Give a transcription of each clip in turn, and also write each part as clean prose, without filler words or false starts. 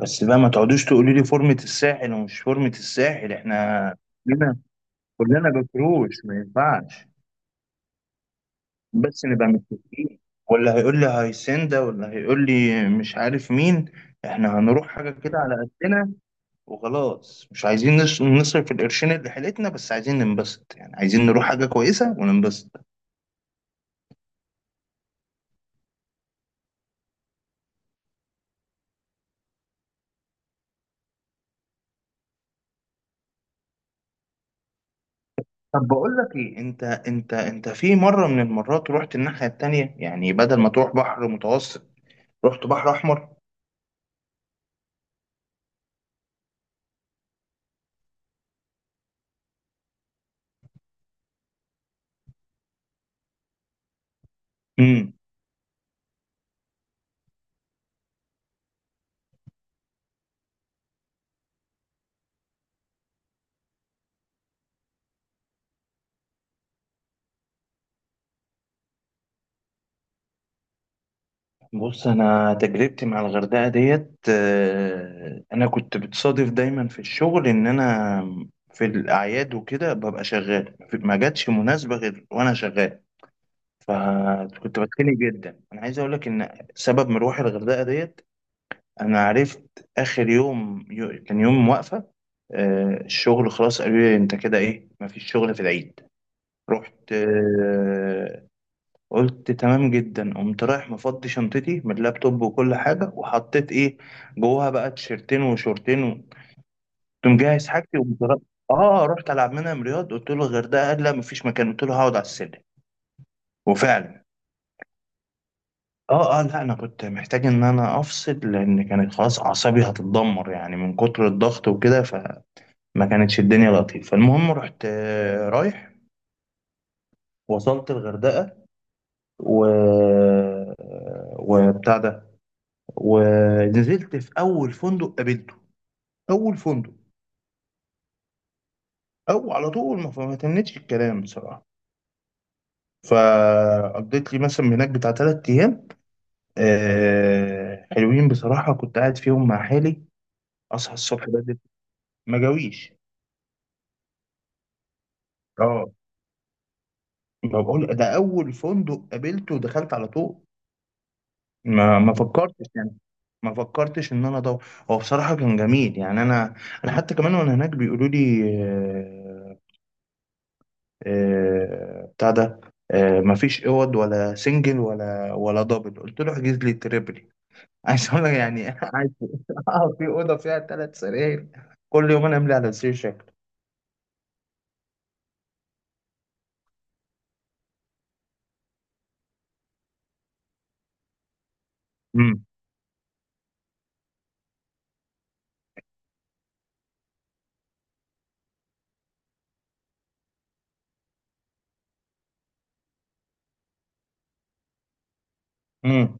بس بقى ما تقعدوش تقولوا لي فورمة الساحل ومش فورمة الساحل. احنا كلنا كلنا بكروش، ما ينفعش. بس نبقى متفقين، ولا هيقول لي هيسندا ولا هيقول لي مش عارف مين. احنا هنروح حاجة كده على قدنا، وخلاص مش عايزين نصرف القرشين اللي حيلتنا، بس عايزين ننبسط، يعني عايزين نروح حاجة كويسة وننبسط. طب بقول لك ايه، انت في مرة من المرات رحت الناحية التانية، يعني بدل ما تروح بحر متوسط رحت بحر احمر. بص، انا تجربتي مع الغردقه ديت، انا كنت بتصادف دايما في الشغل ان انا في الاعياد وكده ببقى شغال، ما جاتش مناسبه غير وانا شغال، فكنت بتخنق جدا. انا عايز اقول لك ان سبب مروحي الغردقه ديت، انا عرفت اخر يوم، كان يوم واقفه الشغل، خلاص، قالوا لي انت كده ايه، ما فيش شغل في العيد. رحت، قلت تمام جدا، قمت رايح مفضي شنطتي من اللابتوب وكل حاجة، وحطيت ايه جواها بقى، تيشرتين وشورتين قمت مجهز حاجتي، وقمت رحت العب منها من رياض. قلت له الغردقة، قال لا مفيش مكان، قلت له هقعد على السلم. وفعلا، اه، اه، لا انا كنت محتاج ان انا افصل، لان كانت خلاص اعصابي هتتدمر يعني من كتر الضغط وكده، فما كانتش الدنيا لطيفة. فالمهم رحت، رايح، وصلت الغردقة و وبتاع ده، ونزلت في اول فندق قابلته. اول فندق، او على طول، ما تمتش الكلام بصراحه. فقضيت لي مثلا هناك بتاع تلات ايام، حلوين بصراحه، كنت قاعد فيهم مع حالي، اصحى الصبح بدري، ما جاويش. اه، ما بقول، ده اول فندق قابلته ودخلت على طول، ما فكرتش يعني، ما فكرتش ان انا ادور. هو بصراحه كان جميل يعني، انا حتى كمان وانا هناك بيقولوا لي بتاع ده، مفيش اوض ولا سنجل ولا دبل، قلت له احجز لي تريبل. عايز اقول لك يعني عايز، اه في اوضه فيها ثلاث سراير، كل يوم انا املي على سرير شكل. امم. امم.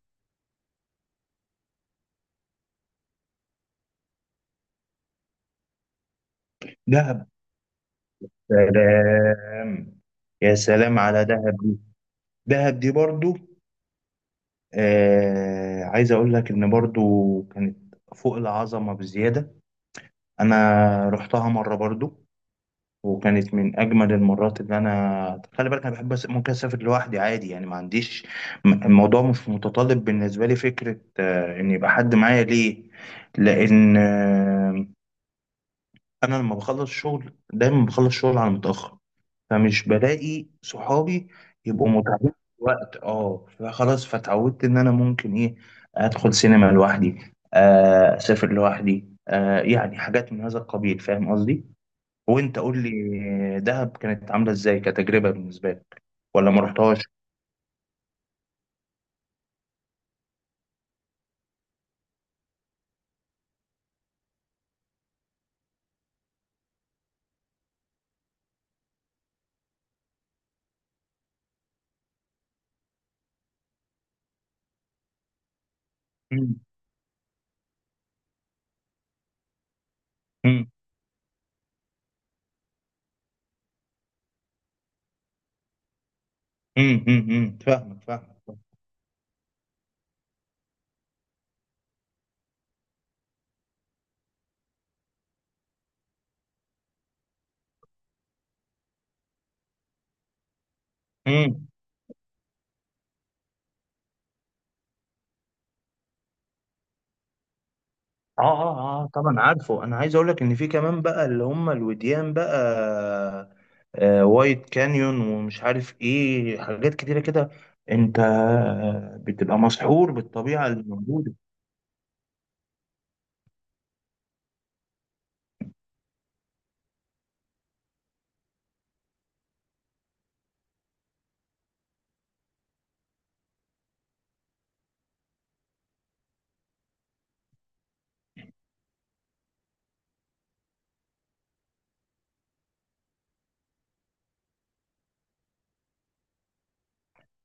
دهب. سلام. يا سلام على دهب دي. دهب دي برضو، عايز اقول لك ان برضو كانت فوق العظمه بزياده. انا رحتها مره برضو، وكانت من اجمل المرات اللي انا خلي بالك، انا بحب ممكن اسافر لوحدي عادي يعني، ما عنديش الموضوع مش متطلب بالنسبه لي فكره ان يبقى حد معايا ليه. لان انا لما بخلص شغل دايما بخلص شغل على متاخر، فمش بلاقي صحابي، يبقوا متعبين في الوقت. اه فخلاص، فتعودت ان انا ممكن ايه ادخل سينما لوحدي، اسافر لوحدي، يعني حاجات من هذا القبيل، فاهم قصدي. وانت قول لي، دهب كانت عامله ازاي كتجربه بالنسبه لك، ولا ما رحتهاش؟ مم. مم. مم. مم. مم. فاهمك، فاهمك. مم. اه، اه، اه، طبعا عارفه. انا عايز اقول لك ان في كمان بقى اللي هم الوديان بقى، وايت كانيون ومش عارف ايه، حاجات كتيره كده. انت بتبقى مسحور بالطبيعه اللي موجوده.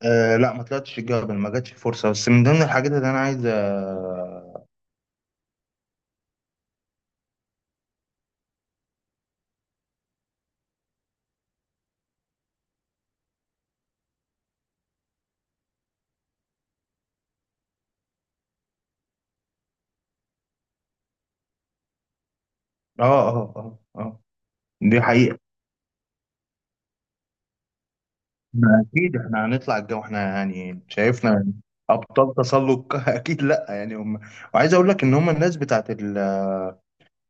آه، لا، ما طلعتش الجبل، ما جاتش الفرصه، بس من ضمن الحاجات اللي انا عايز. اه. اه. اه, آه. آه، دي حقيقة. ما اكيد احنا هنطلع الجو، احنا يعني شايفنا ابطال تسلق اكيد لا يعني هم. وعايز اقول لك ان هم، الناس بتاعت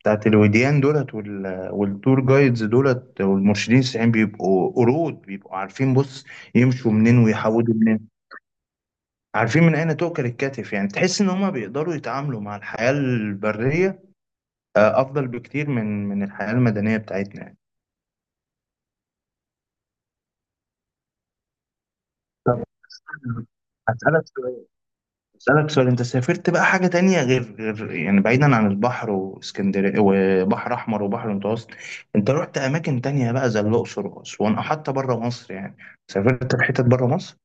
بتاعت الوديان دولت والتور جايدز دولت، والمرشدين السياحيين بيبقوا قرود، بيبقوا عارفين بص، يمشوا منين ويحودوا منين، عارفين من اين تؤكل الكتف، يعني تحس ان هم بيقدروا يتعاملوا مع الحياة البرية، افضل بكتير من الحياة المدنية بتاعتنا يعني. طب هسألك أسألك سؤال، أنت سافرت بقى حاجة تانية غير يعني، بعيدا عن البحر واسكندرية وبحر أحمر وبحر المتوسط، أنت رحت أماكن تانية بقى زي الأقصر وأسوان أو حتى بره مصر يعني، سافرت في حتت بره مصر؟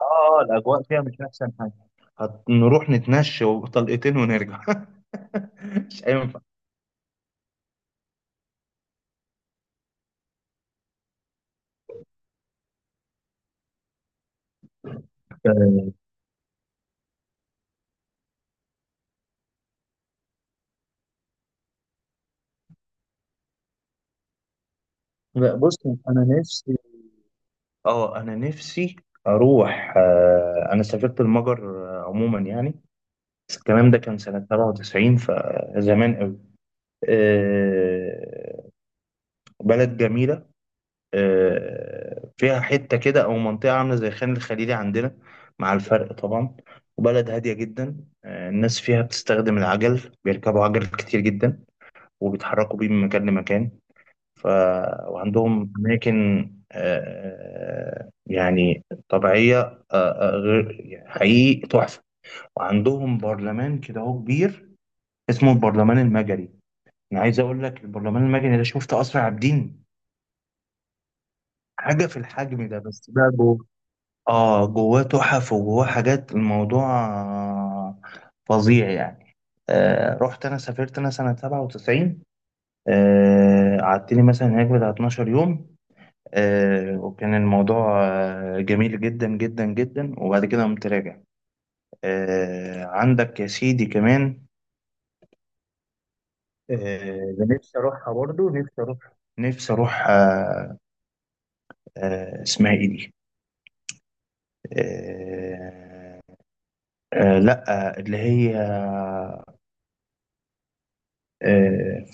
آه، آه، الأجواء فيها مش أحسن حاجة، هنروح نتمشى وطلقتين ونرجع مش هينفع. لا، بص، انا نفسي اه انا نفسي اروح، انا سافرت المجر، عموما يعني الكلام ده كان سنة 97، فزمان. آه، بلد جميلة، فيها حتة كده أو منطقة عاملة زي خان الخليلي عندنا، مع الفرق طبعا، وبلد هادية جدا. الناس فيها بتستخدم العجل، بيركبوا عجل كتير جدا، وبيتحركوا بيه من مكان لمكان. ف... وعندهم أماكن آه، يعني طبيعية غير يعني، حقيقي تحفة. وعندهم برلمان كده هو كبير، اسمه البرلمان المجري. أنا عايز أقول لك البرلمان المجري ده، شفت أسرع عابدين حاجة في الحجم ده، بس بقى جوه، اه، جواه تحف وجواه حاجات، الموضوع فظيع يعني. رحت انا سافرت انا سنة 97، قعدت لي مثلا هناك بتاع 12 يوم، وكان الموضوع جميل جدا جدا جدا، وبعد كده قمت راجع. عندك يا سيدي كمان، آه اللي نفسي اروحها برضو، نفسي اروح، اسمها ايه دي، آه لا، اللي هي، آه،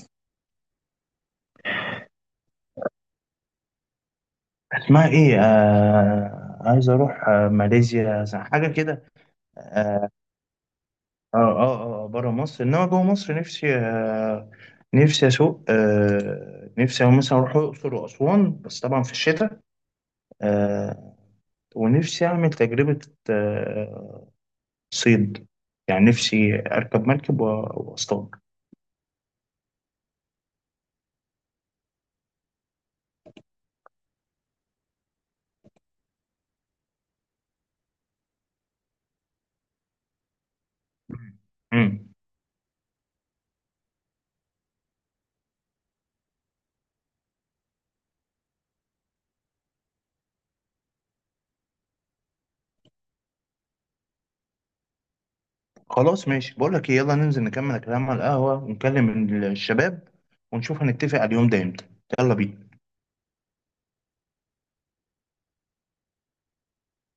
اسمها ايه، عايز اروح، ماليزيا حاجه كده. اه، اه, اه, آه، بره مصر انما جوه مصر، نفسي، نفسي اسوق، نفسي مثلا اروح الاقصر واسوان، بس طبعا في الشتاء. آه ونفسي اعمل تجربه، آه صيد، يعني نفسي اركب مركب واصطاد. مم. خلاص، ماشي، بقول لك ايه، يلا ننزل نكمل الكلام على القهوة، ونكلم الشباب، ونشوف هنتفق على اليوم ده امتى. يلا بينا.